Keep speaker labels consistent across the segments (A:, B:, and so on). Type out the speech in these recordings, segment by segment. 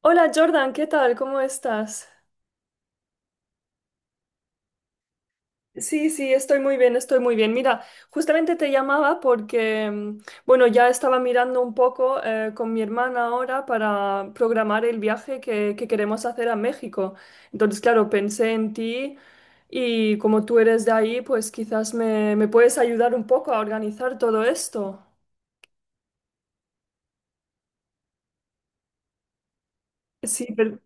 A: Hola Jordan, ¿qué tal? ¿Cómo estás? Sí, sí, estoy muy bien, estoy muy bien. Mira, justamente te llamaba porque bueno, ya estaba mirando un poco con mi hermana ahora para programar el viaje que queremos hacer a México. Entonces, claro, pensé en ti y como tú eres de ahí, pues quizás me puedes ayudar un poco a organizar todo esto. Sí,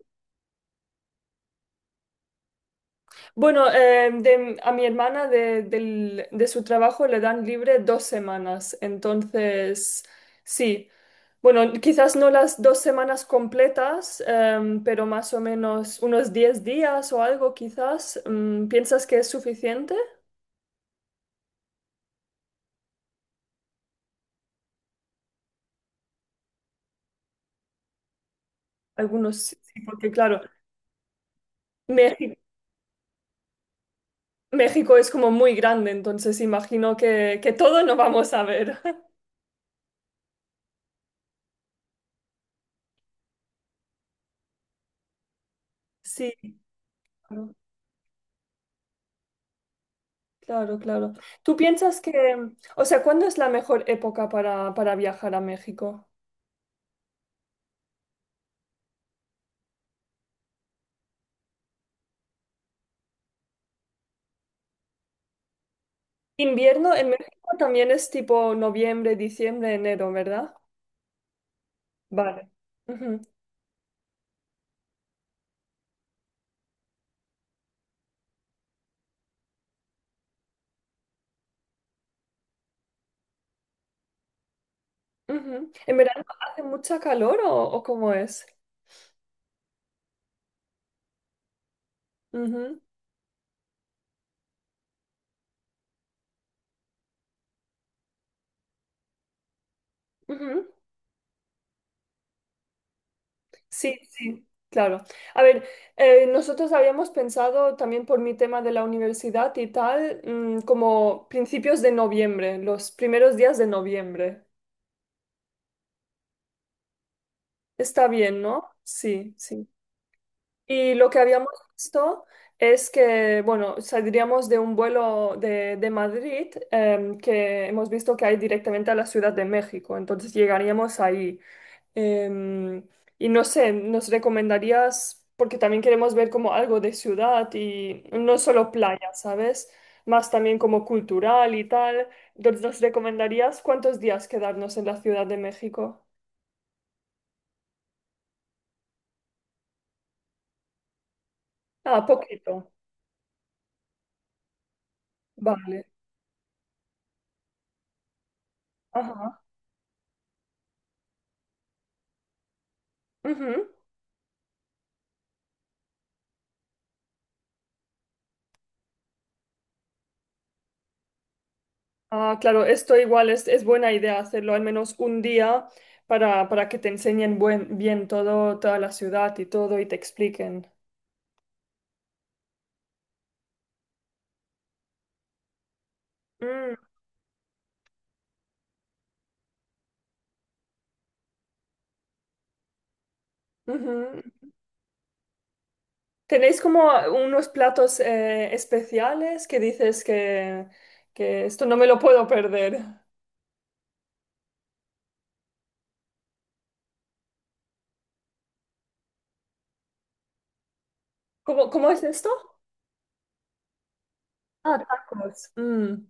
A: bueno, a mi hermana de su trabajo le dan libre 2 semanas, entonces sí. Bueno, quizás no las 2 semanas completas, pero más o menos unos 10 días o algo quizás. ¿Piensas que es suficiente? Algunos sí, sí, porque claro, México, México es como muy grande, entonces imagino que todo no vamos a ver. Sí, claro. Claro, claro. ¿Tú piensas que, o sea, ¿cuándo es la mejor época para viajar a México? Invierno en México también es tipo noviembre, diciembre, enero, ¿verdad? Vale. Ujú, ujú. ¿En verano hace mucha calor o cómo es? Ujú, ujú. Sí, sí, claro. A ver, nosotros habíamos pensado también por mi tema de la universidad y tal, mm, como principios de noviembre, los primeros días de noviembre. Está bien, ¿no? Sí, sí. Y lo que habíamos visto es que, bueno, saldríamos de un vuelo de Madrid em, que hemos visto que hay directamente a la Ciudad de México, entonces llegaríamos ahí. Em, y no sé, ¿nos recomendarías, porque también queremos ver como algo de ciudad y no solo playa, sabes? Más también como cultural y tal. Entonces, ¿nos recomendarías cuántos días quedarnos en la Ciudad de México? Ah, poquito. Vale. Ajá. Ujú. Ah, claro, esto igual es buena idea hacerlo al menos un día para que te enseñen bien todo, toda la ciudad y todo y te expliquen. Mm, ujú. ¿Tenéis como unos platos especiales que dices que esto no me lo puedo perder? ¿Cómo es esto? Ah, tacos. Mm.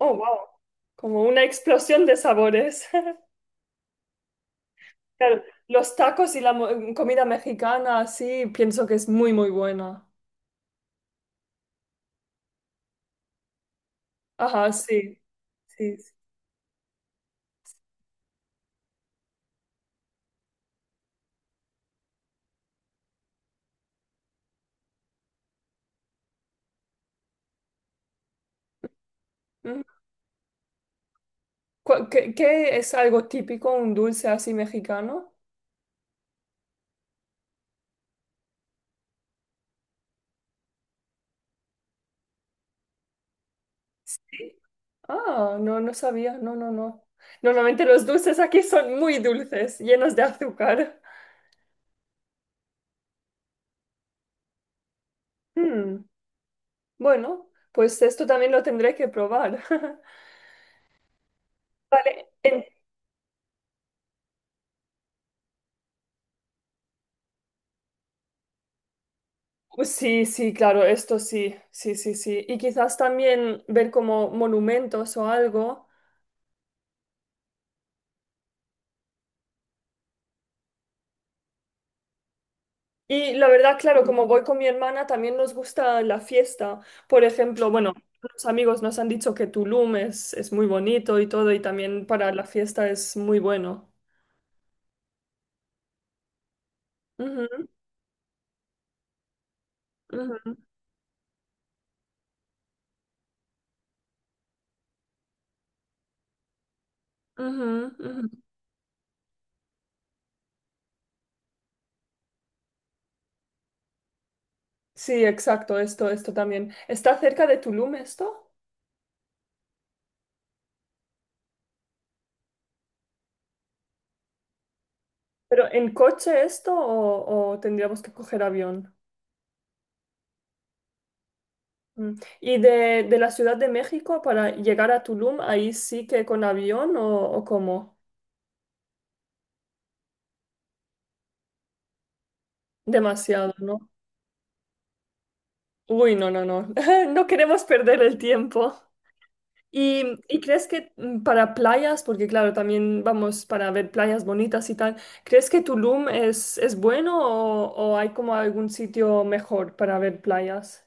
A: Oh, wow. Como una explosión de sabores. Claro, los tacos y la comida mexicana, sí, pienso que es muy, muy buena. Ajá, sí, sí, sí. Ujú. ¿Qué, qué es algo típico, un dulce así mexicano? Sí. Ah, no, no sabía, no, no, no. Normalmente los dulces aquí son muy dulces, llenos de azúcar. Mm, bueno, pues esto también lo tendré que probar. Vale, sí, sí, claro, esto sí, sí, sí, sí. Y quizás también ver como monumentos o algo. Y la verdad, claro, como voy con mi hermana, también nos gusta la fiesta. Por ejemplo, bueno, los amigos nos han dicho que Tulum es muy bonito y todo, y también para la fiesta es muy bueno. Ujú, ujú, ujú, ujú. Sí, exacto, esto también. ¿Está cerca de Tulum esto? ¿Pero en coche esto o tendríamos que coger avión? Mm. ¿Y de la Ciudad de México para llegar a Tulum, ahí sí que con avión o cómo? Demasiado, ¿no? Uy, no, no, no. No queremos perder el tiempo. Y crees que mm, para playas, porque claro, también vamos para ver playas bonitas y tal, crees que Tulum es bueno o hay como algún sitio mejor para ver playas?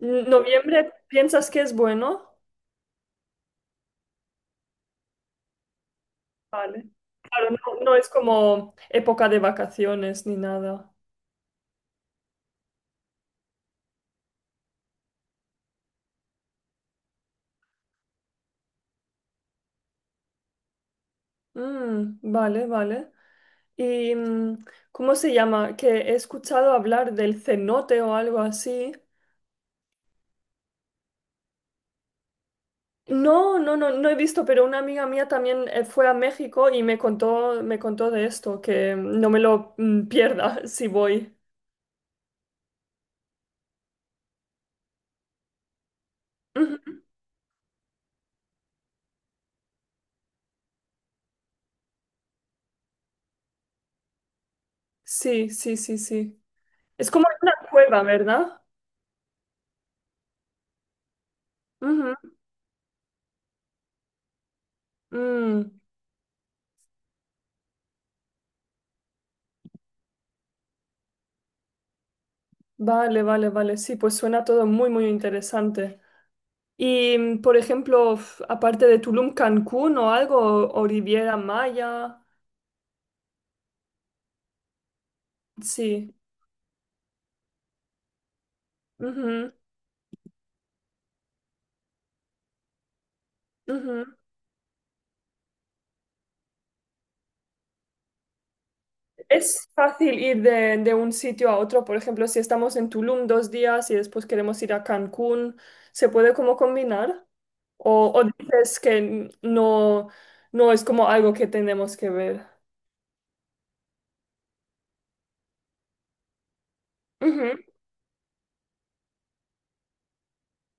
A: ¿Noviembre piensas que es bueno? Vale. Claro, no, no es como época de vacaciones ni nada. Mm, vale, vale. ¿Y mm, cómo se llama? Que he escuchado hablar del cenote o algo así. No, no, no, no he visto, pero una amiga mía también fue a México y me contó de esto, que mm, no me lo mm, pierda si voy. Ujú. Sí, sí, sí, sí. Es como una cueva, ¿verdad? Ujú. Mm, vale, vale, vale. Sí, pues suena todo muy, muy interesante. Y, mm, por ejemplo, aparte de Tulum, Cancún o algo, o Riviera Maya. Sí. Ujú, ujú. Es fácil ir de un sitio a otro, por ejemplo, si estamos en Tulum 2 días y después queremos ir a Cancún, ¿se puede como combinar? O dices que no, no es como algo que tenemos que ver? Ujú,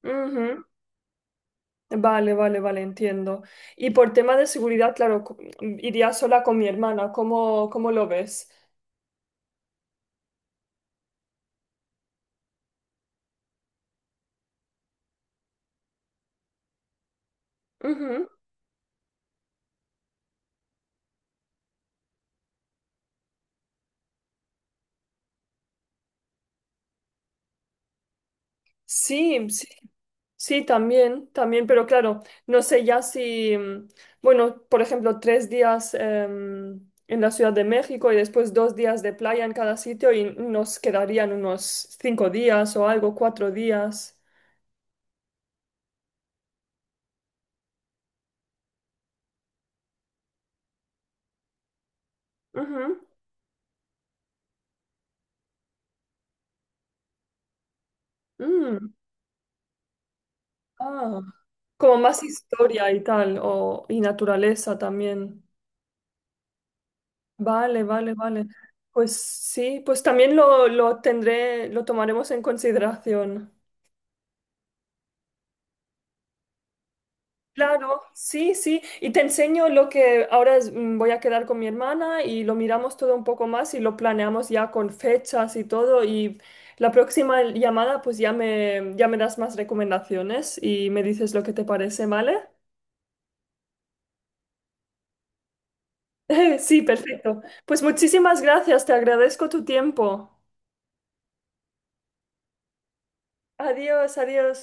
A: ujú. Vale, vale, vale, entiendo. Y por tema de seguridad, claro, iría sola con mi hermana, ¿cómo lo ves? Ujú. Sí, sí, sí, también, también, pero claro, no sé ya si, mm, bueno, por ejemplo, 3 días em, en la Ciudad de México y después 2 días de playa en cada sitio y nos quedarían unos 5 días o algo, 4 días. Ujú. Mm, ah, como más historia y tal, o, y naturaleza también. Vale, vale, vale. Pues sí, pues también lo tendré, lo tomaremos en consideración. Claro, sí, sí. Y te enseño lo que ahora voy a quedar con mi hermana y lo miramos todo un poco más y lo planeamos ya con fechas y todo. Y la próxima llamada, pues ya ya me das más recomendaciones y me dices lo que te parece, ¿vale? Sí, perfecto. Pues muchísimas gracias, te agradezco tu tiempo. Adiós, adiós.